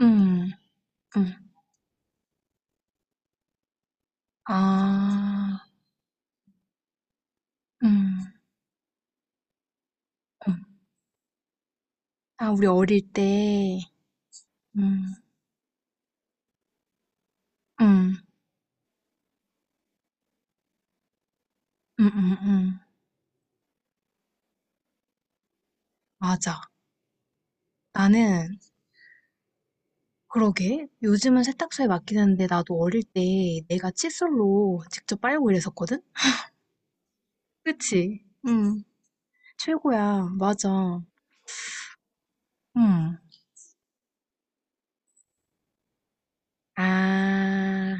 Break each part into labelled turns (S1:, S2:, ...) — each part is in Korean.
S1: 음. 음. 아. 음. 음. 아 우리 어릴 때. 음. 음. 음음음. 맞아. 나는... 그러게. 요즘은 세탁소에 맡기는데 나도 어릴 때 내가 칫솔로 직접 빨고 이랬었거든? 그치? 응. 최고야. 맞아. 응. 아.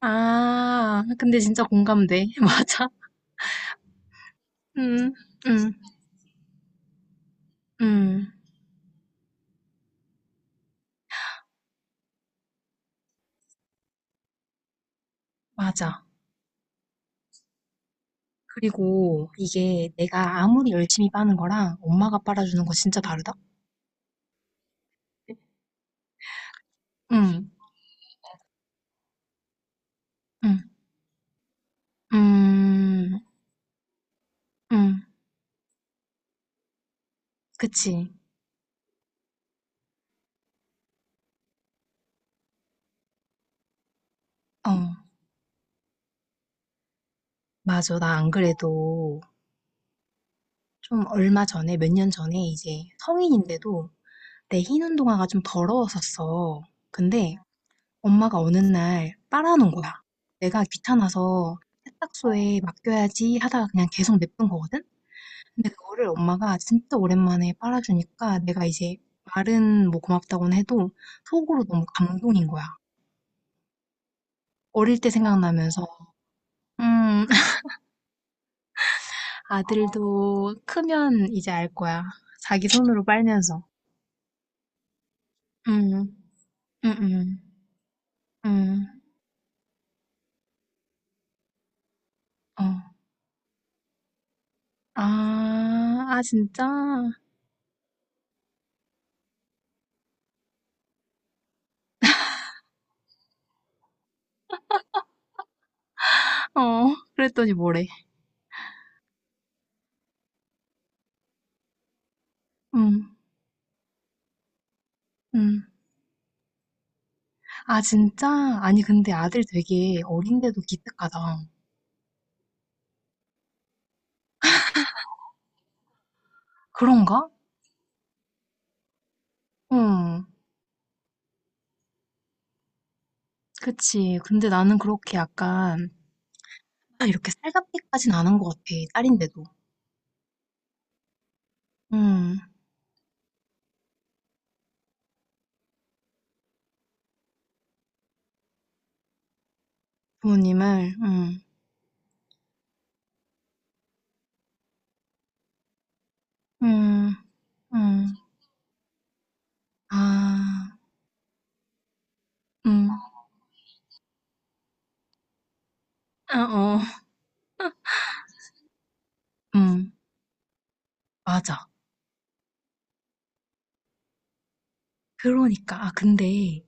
S1: 아. 근데 진짜 공감돼. 맞아. 응. 응. 응. 맞아. 그리고 이게 내가 아무리 열심히 빠는 거랑 엄마가 빨아주는 거 진짜 다르다? 응, 응, 음, 응, 그치. 어, 맞아. 나 안 그래도 좀 얼마 전에, 몇 년 전에 이제 성인인데도 내 흰 운동화가 좀 더러웠었어. 근데 엄마가 어느 날 빨아놓은 거야. 내가 귀찮아서 세탁소에 맡겨야지 하다가 그냥 계속 냅둔 거거든? 근데 그거를 엄마가 진짜 오랜만에 빨아주니까 내가 이제 말은 뭐 고맙다고는 해도 속으로 너무 감동인 거야. 어릴 때 생각나면서, 음. 아들도 크면 이제 알 거야. 자기 손으로 빨면서. 음, 음, 음, 음, 어. 아, 아, 진짜? 어, 그랬더니 뭐래. 음, 음. 아, 진짜? 아니, 근데 아들 되게 어린데도 기특하다. 그런가? 응. 그치. 근데 나는 그렇게 약간 아, 이렇게 살갑게까지는 안 한 것 같아. 딸인데도. 음, 부모님을, 음, 음, 아, 음, 아, 어, 음, 맞아. 그러니까. 아, 근데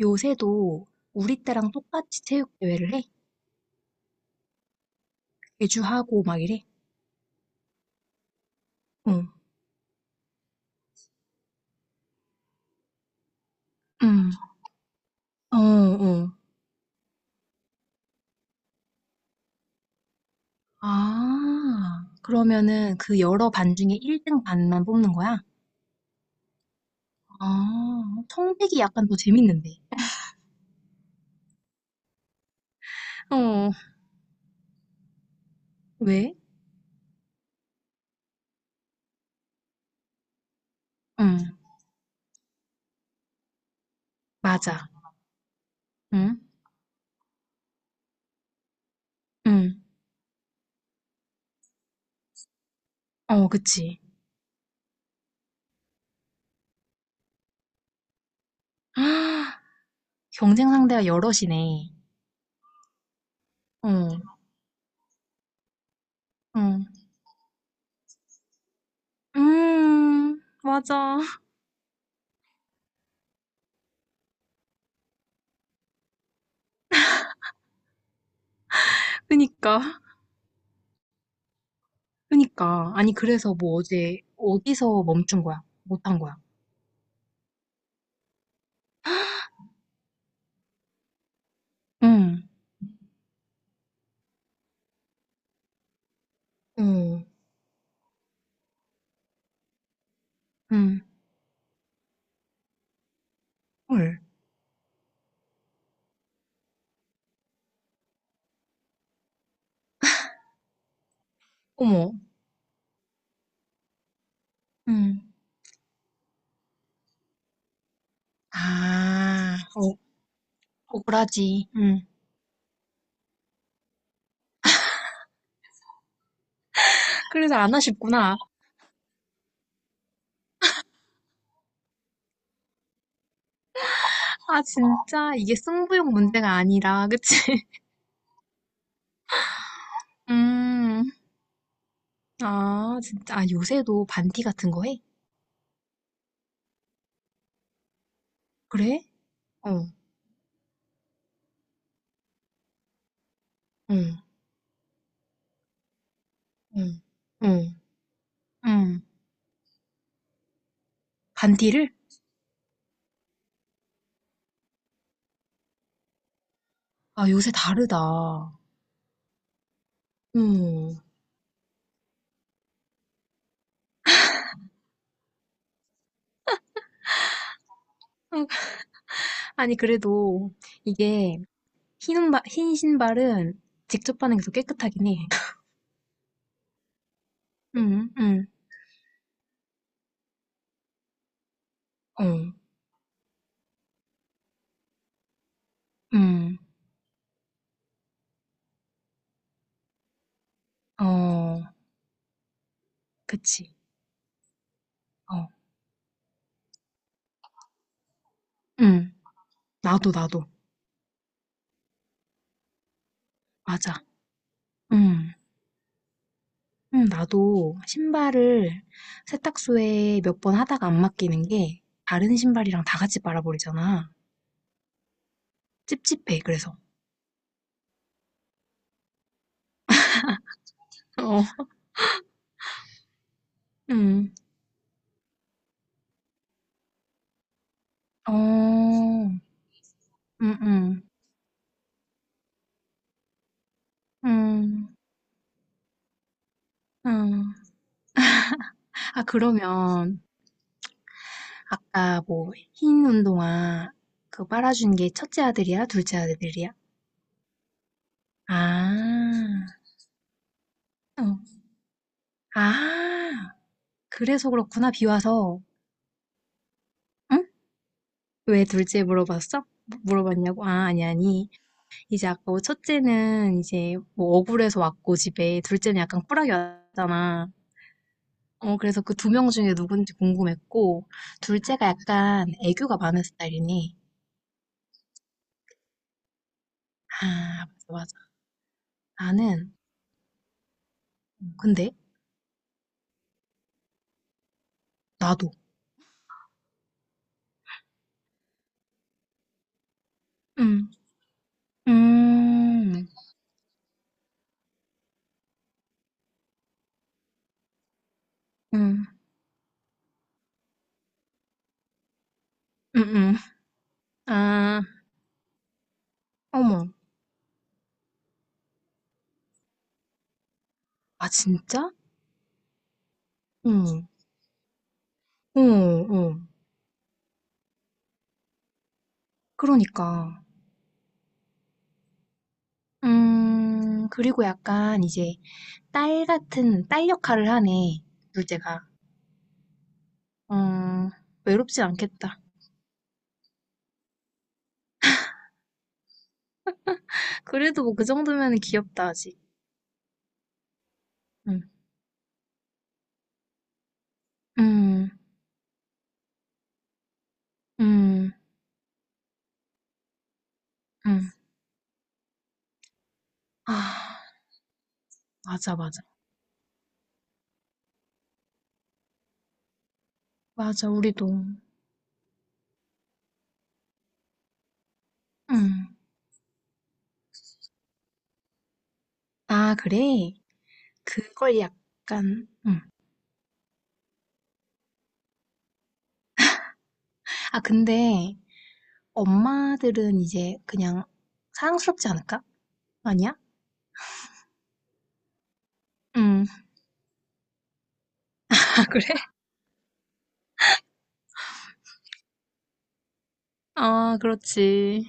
S1: 요새도 우리 때랑 똑같이 체육대회를 해? 개주하고 막 이래? 응, 응, 어, 어. 아, 그러면은 그 여러 반 중에 1등 반만 뽑는 거야? 아, 성백이 약간 더 재밌는데. 어, 왜? 응. 맞아. 응? 응. 어, 그치. 아, 경쟁 상대가 여럿이네. 응. 응. 음. 맞아. 그니까. 그니까. 아니, 그래서 뭐 어제 어디서 멈춘 거야? 못한 거야? 응. 응. 응. 헐. 어머. 응. 아. 어, 억울하지. 응. 그래서 안 하셨구나. 아, 진짜. 이게 승부욕 문제가 아니라, 그치? 음, 아, 진짜. 아, 요새도 반티 같은 거 해? 그래? 어, 응, 응, 응, 응. 반디를? 아, 요새 다르다. 음. 음, 아니, 그래도 이게 흰, 운바, 흰 신발은 직접 바는 게 더 깨끗하긴 해. 응, 응, 어, 응, 어, 그치. 어, 응. 나도. 맞아. 응, 응, 나도 신발을 세탁소에 몇 번 하다가 안 맡기는 게 다른 신발이랑 다 같이 빨아버리잖아. 찝찝해, 그래서. 어, 응. 어. 음음. 음. 음. 음. 아 그러면 아까 뭐 흰 운동화 그거 빨아준 게 첫째 아들이야? 둘째 아들이야? 아. 어. 아. 그래서 그렇구나. 비 와서. 응? 왜 둘째 물어봤어? 물어봤냐고? 아, 아니, 아니. 이제 아까 뭐 첫째는 이제 뭐 억울해서 왔고 집에 둘째는 약간 쿨하게 왔잖아. 어, 그래서 그 두 명 중에 누군지 궁금했고, 둘째가 약간 애교가 많은 스타일이니. 아, 맞아, 맞아. 나는, 근데, 나도. 음, 음, 음, 음, 음. 아, 어머. 아, 진짜? 응, 어, 어. 그러니까. 그리고 약간 이제 딸 같은, 딸 역할을 하네, 둘째가. 음, 외롭지 않겠다. 그래도 뭐 그 정도면 귀엽다, 아직. 음, 음, 음. 응. 아, 맞아, 맞아. 맞아, 우리도. 응. 아, 그래? 그걸 약간, 응. 아, 근데 엄마들은 이제 그냥 사랑스럽지 않을까? 아니야? 응. 아, 그래? 아, 그렇지.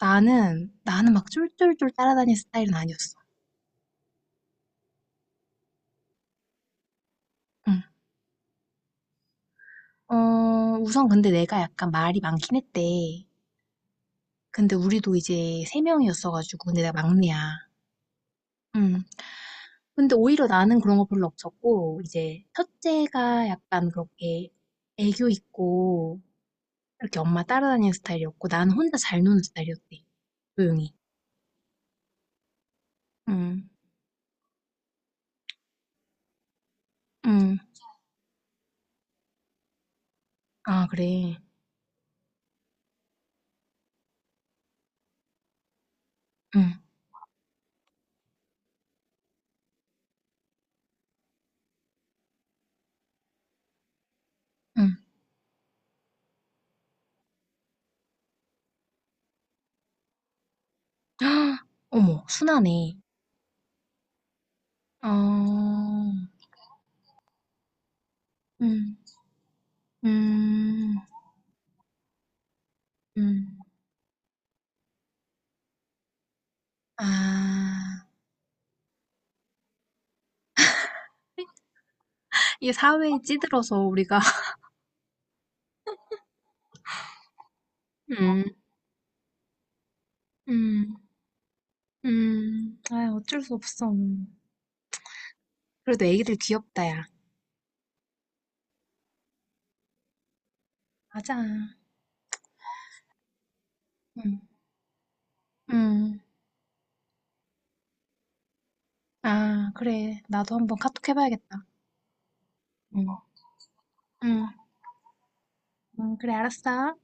S1: 나는 막 쫄쫄쫄 따라다니는 스타일은 아니었어. 응. 어, 우선 근데 내가 약간 말이 많긴 했대. 근데 우리도 이제 세 명이었어가지고, 근데 내가 막내야. 응. 근데 오히려 나는 그런 거 별로 없었고, 이제 첫째가 약간 그렇게 애교 있고, 이렇게 엄마 따라다니는 스타일이었고, 나는 혼자 잘 노는 스타일이었대. 조용히. 응, 응. 아, 그래. 응, 응. 헉, 어머, 순하네. 어, 응, 음, 음. 아, 이게 사회에 찌들어서 우리가, 음, 음, 아, 어쩔 수 없어. 그래도 애기들 귀엽다, 야. 맞아. 음, 음. 아, 그래. 나도 한번 카톡 해봐야겠다. 음. 응, 응, 그래, 알았어.